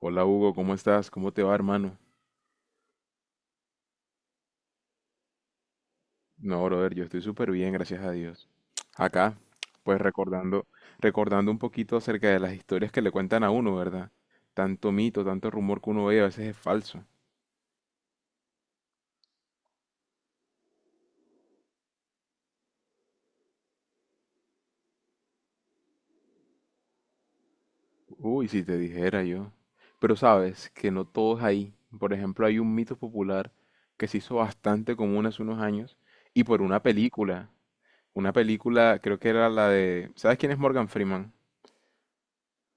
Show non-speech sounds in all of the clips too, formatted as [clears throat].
Hola Hugo, ¿cómo estás? ¿Cómo te va, hermano? No, brother, yo estoy súper bien, gracias a Dios. Acá, pues recordando un poquito acerca de las historias que le cuentan a uno, ¿verdad? Tanto mito, tanto rumor que uno ve, a veces es falso. Uy, si te dijera yo. Pero sabes que no todos ahí. Por ejemplo, hay un mito popular que se hizo bastante común hace unos años y por una película. Una película, creo que era la de. ¿Sabes quién es Morgan Freeman?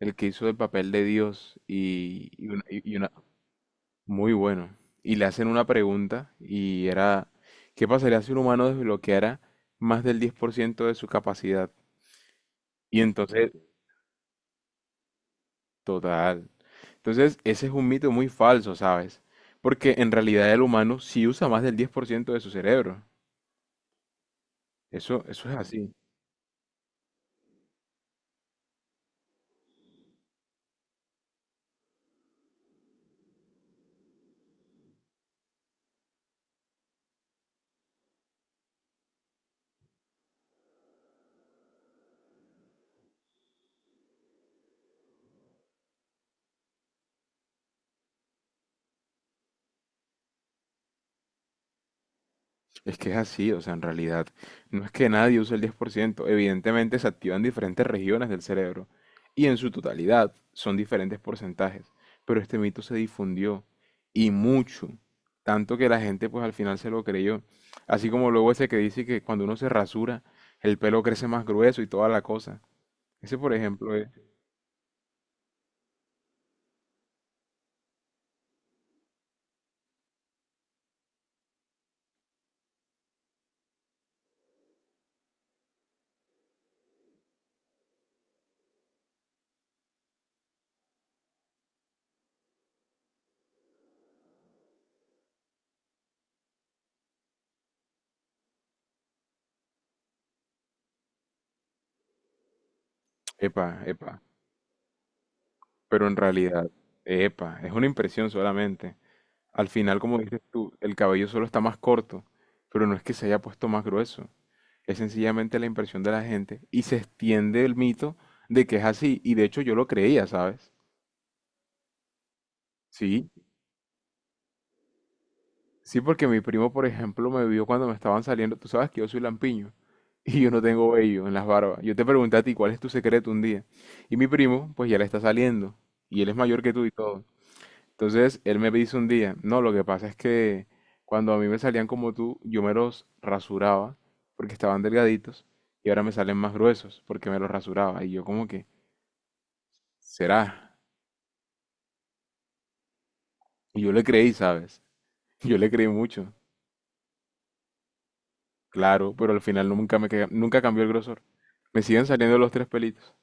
El que hizo el papel de Dios Muy bueno. Y le hacen una pregunta y era, ¿qué pasaría si un humano desbloqueara más del 10% de su capacidad? Y entonces, total. Entonces, ese es un mito muy falso, ¿sabes? Porque en realidad el humano sí usa más del 10% de su cerebro. Eso es así. Es que es así, o sea, en realidad no es que nadie use el 10%. Evidentemente se activan diferentes regiones del cerebro y en su totalidad son diferentes porcentajes, pero este mito se difundió y mucho, tanto que la gente pues al final se lo creyó, así como luego ese que dice que cuando uno se rasura el pelo crece más grueso y toda la cosa. Ese por ejemplo es, epa, epa, pero en realidad, epa, es una impresión solamente. Al final, como dices tú, el cabello solo está más corto, pero no es que se haya puesto más grueso, es sencillamente la impresión de la gente y se extiende el mito de que es así, y de hecho yo lo creía, ¿sabes? Sí, sí, porque mi primo, por ejemplo, me vio cuando me estaban saliendo, tú sabes que yo soy lampiño [laughs] y yo no tengo vello en las barbas. Yo te pregunté a ti cuál es tu secreto un día, y mi primo, pues ya le está saliendo, y él es mayor que tú y todo. Entonces él me dice un día, no, lo que pasa es que cuando a mí me salían como tú, yo me los rasuraba porque estaban delgaditos y ahora me salen más gruesos porque me los rasuraba. Y yo como que, ¿será? Y yo le creí, ¿sabes? [laughs] Yo le creí mucho, claro, pero al final nunca cambió el grosor. Me siguen saliendo los tres pelitos.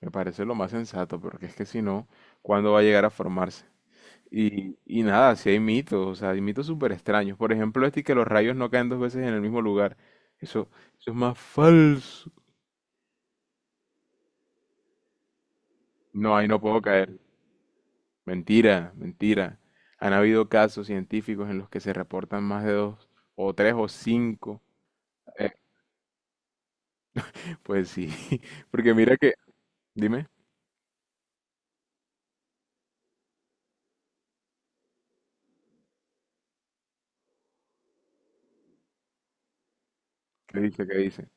Me parece lo más sensato, porque es que si no, ¿cuándo va a llegar a formarse? Y nada, si hay mitos, o sea, hay mitos súper extraños. Por ejemplo, este que los rayos no caen dos veces en el mismo lugar. Eso, eso es más falso. No, ahí no puedo caer. Mentira, mentira. Han habido casos científicos en los que se reportan más de dos, o tres, o cinco. Eh, pues sí, [laughs] porque mira que, dime, ¿qué dice? ¿Qué dice?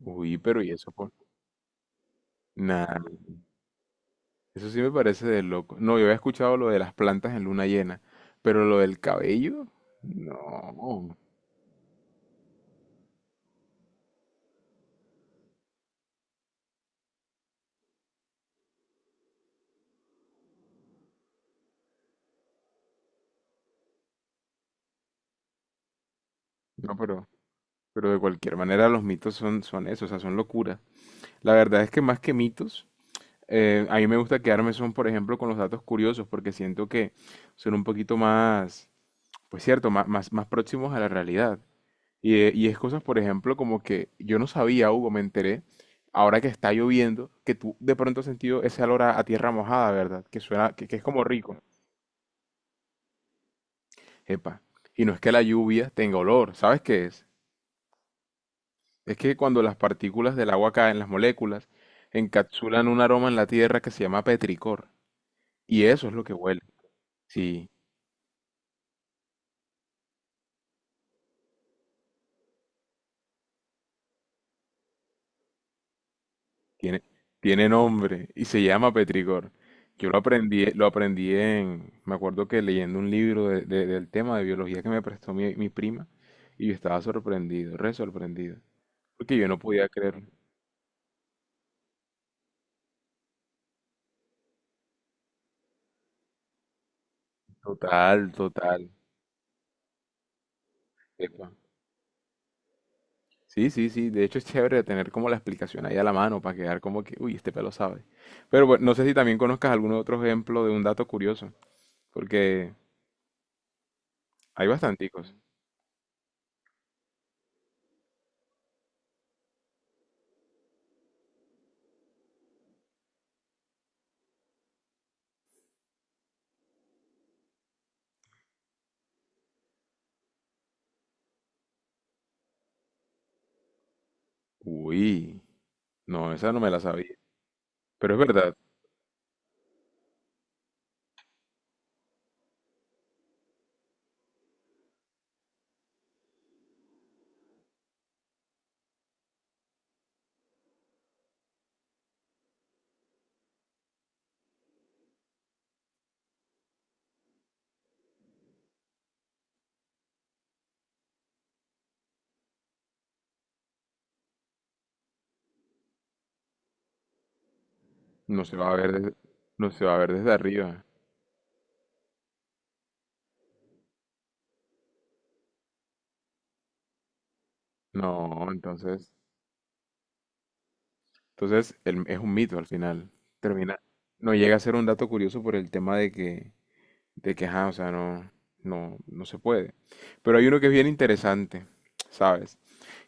Uy, pero ¿y eso por? Nada, eso sí me parece de loco. No, yo había escuchado lo de las plantas en luna llena, pero lo del cabello, no, no, pero. Pero de cualquier manera los mitos son eso, o sea, son locura. La verdad es que más que mitos, a mí me gusta quedarme son, por ejemplo, con los datos curiosos, porque siento que son un poquito más, pues cierto, más próximos a la realidad. Y es cosas, por ejemplo, como que yo no sabía, Hugo, me enteré, ahora que está lloviendo, que tú de pronto has sentido ese olor a, tierra mojada, ¿verdad? Que suena, que es como rico. Epa. Y no es que la lluvia tenga olor, ¿sabes qué es? Es que cuando las partículas del agua caen, las moléculas, encapsulan un aroma en la tierra que se llama petricor. Y eso es lo que huele. Sí, tiene, tiene nombre y se llama petricor. Yo lo aprendí en, me acuerdo que leyendo un libro del tema de biología que me prestó mi prima y yo estaba sorprendido, re sorprendido, porque yo no podía creer. Total, total. Epa. Sí, sí, sí. De hecho es chévere tener como la explicación ahí a la mano para quedar como que, uy, este pelo sabe. Pero bueno, no sé si también conozcas algún otro ejemplo de un dato curioso, porque hay bastanticos. Uy, no, esa no me la sabía. Pero es verdad, no se va a ver desde, no se va a ver desde arriba. No, entonces, entonces es un mito al final. Termina, no llega a ser un dato curioso por el tema de que, ajá, o sea, no, no, no se puede. Pero hay uno que es bien interesante, ¿sabes?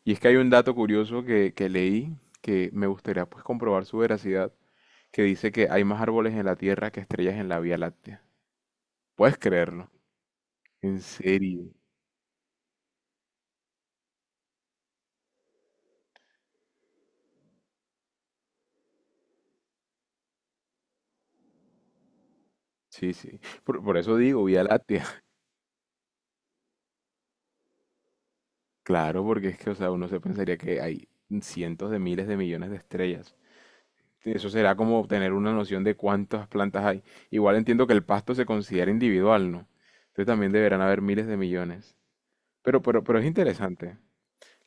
Y es que hay un dato curioso que leí que me gustaría pues comprobar su veracidad, que dice que hay más árboles en la Tierra que estrellas en la Vía Láctea. ¿Puedes creerlo? En serio. Sí, sí. Por eso digo Vía Láctea. [laughs] Claro, porque es que, o sea, uno se pensaría que hay cientos de miles de millones de estrellas. Eso será como tener una noción de cuántas plantas hay. Igual entiendo que el pasto se considera individual, ¿no? Entonces también deberán haber miles de millones. Pero es interesante.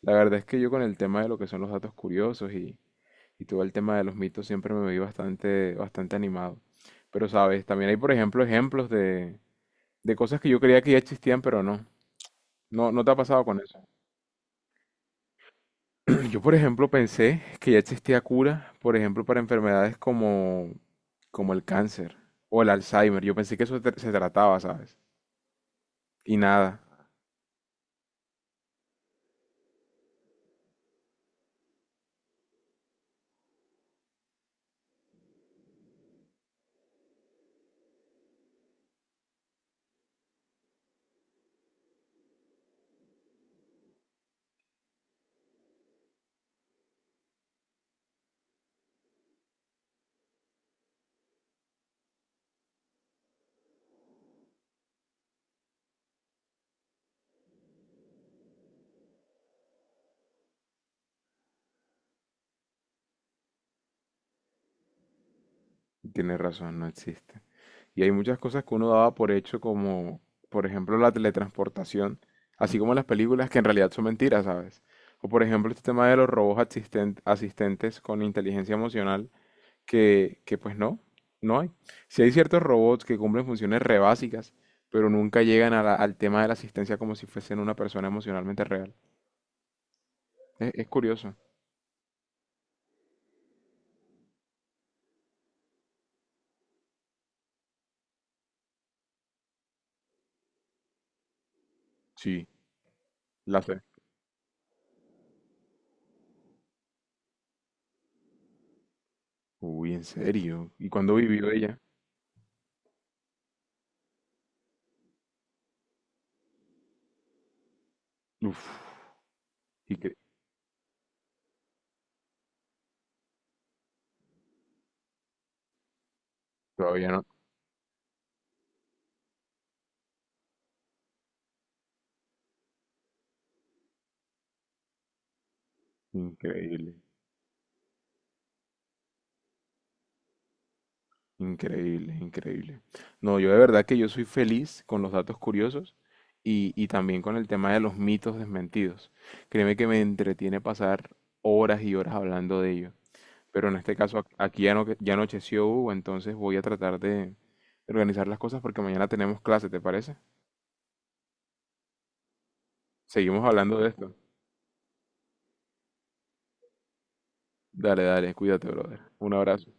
La verdad es que yo con el tema de lo que son los datos curiosos y todo el tema de los mitos siempre me vi bastante, bastante animado. Pero sabes, también hay, por ejemplo, ejemplos de cosas que yo creía que ya existían, pero no. No, no te ha pasado con eso. [clears throat] Yo, por ejemplo, pensé que ya existía cura, por ejemplo, para enfermedades como el cáncer o el Alzheimer. Yo pensé que eso se trataba, ¿sabes? Y nada, tienes razón, no existe. Y hay muchas cosas que uno daba por hecho, como por ejemplo la teletransportación, así como las películas que en realidad son mentiras, ¿sabes? O por ejemplo este tema de los robots asistentes con inteligencia emocional, que pues no, no hay. Sí hay ciertos robots que cumplen funciones re básicas, pero nunca llegan a al tema de la asistencia como si fuesen una persona emocionalmente real. Es curioso. Sí, la fe. Uy, ¿en serio? ¿Y cuándo vivió ella? Uf, y que todavía no. Increíble. Increíble, increíble. No, yo de verdad que yo soy feliz con los datos curiosos y también con el tema de los mitos desmentidos. Créeme que me entretiene pasar horas y horas hablando de ello. Pero en este caso aquí ya, no, ya anocheció Hugo, entonces voy a tratar de organizar las cosas porque mañana tenemos clase, ¿te parece? Seguimos hablando de esto. Dale, dale, cuídate, brother. Un abrazo.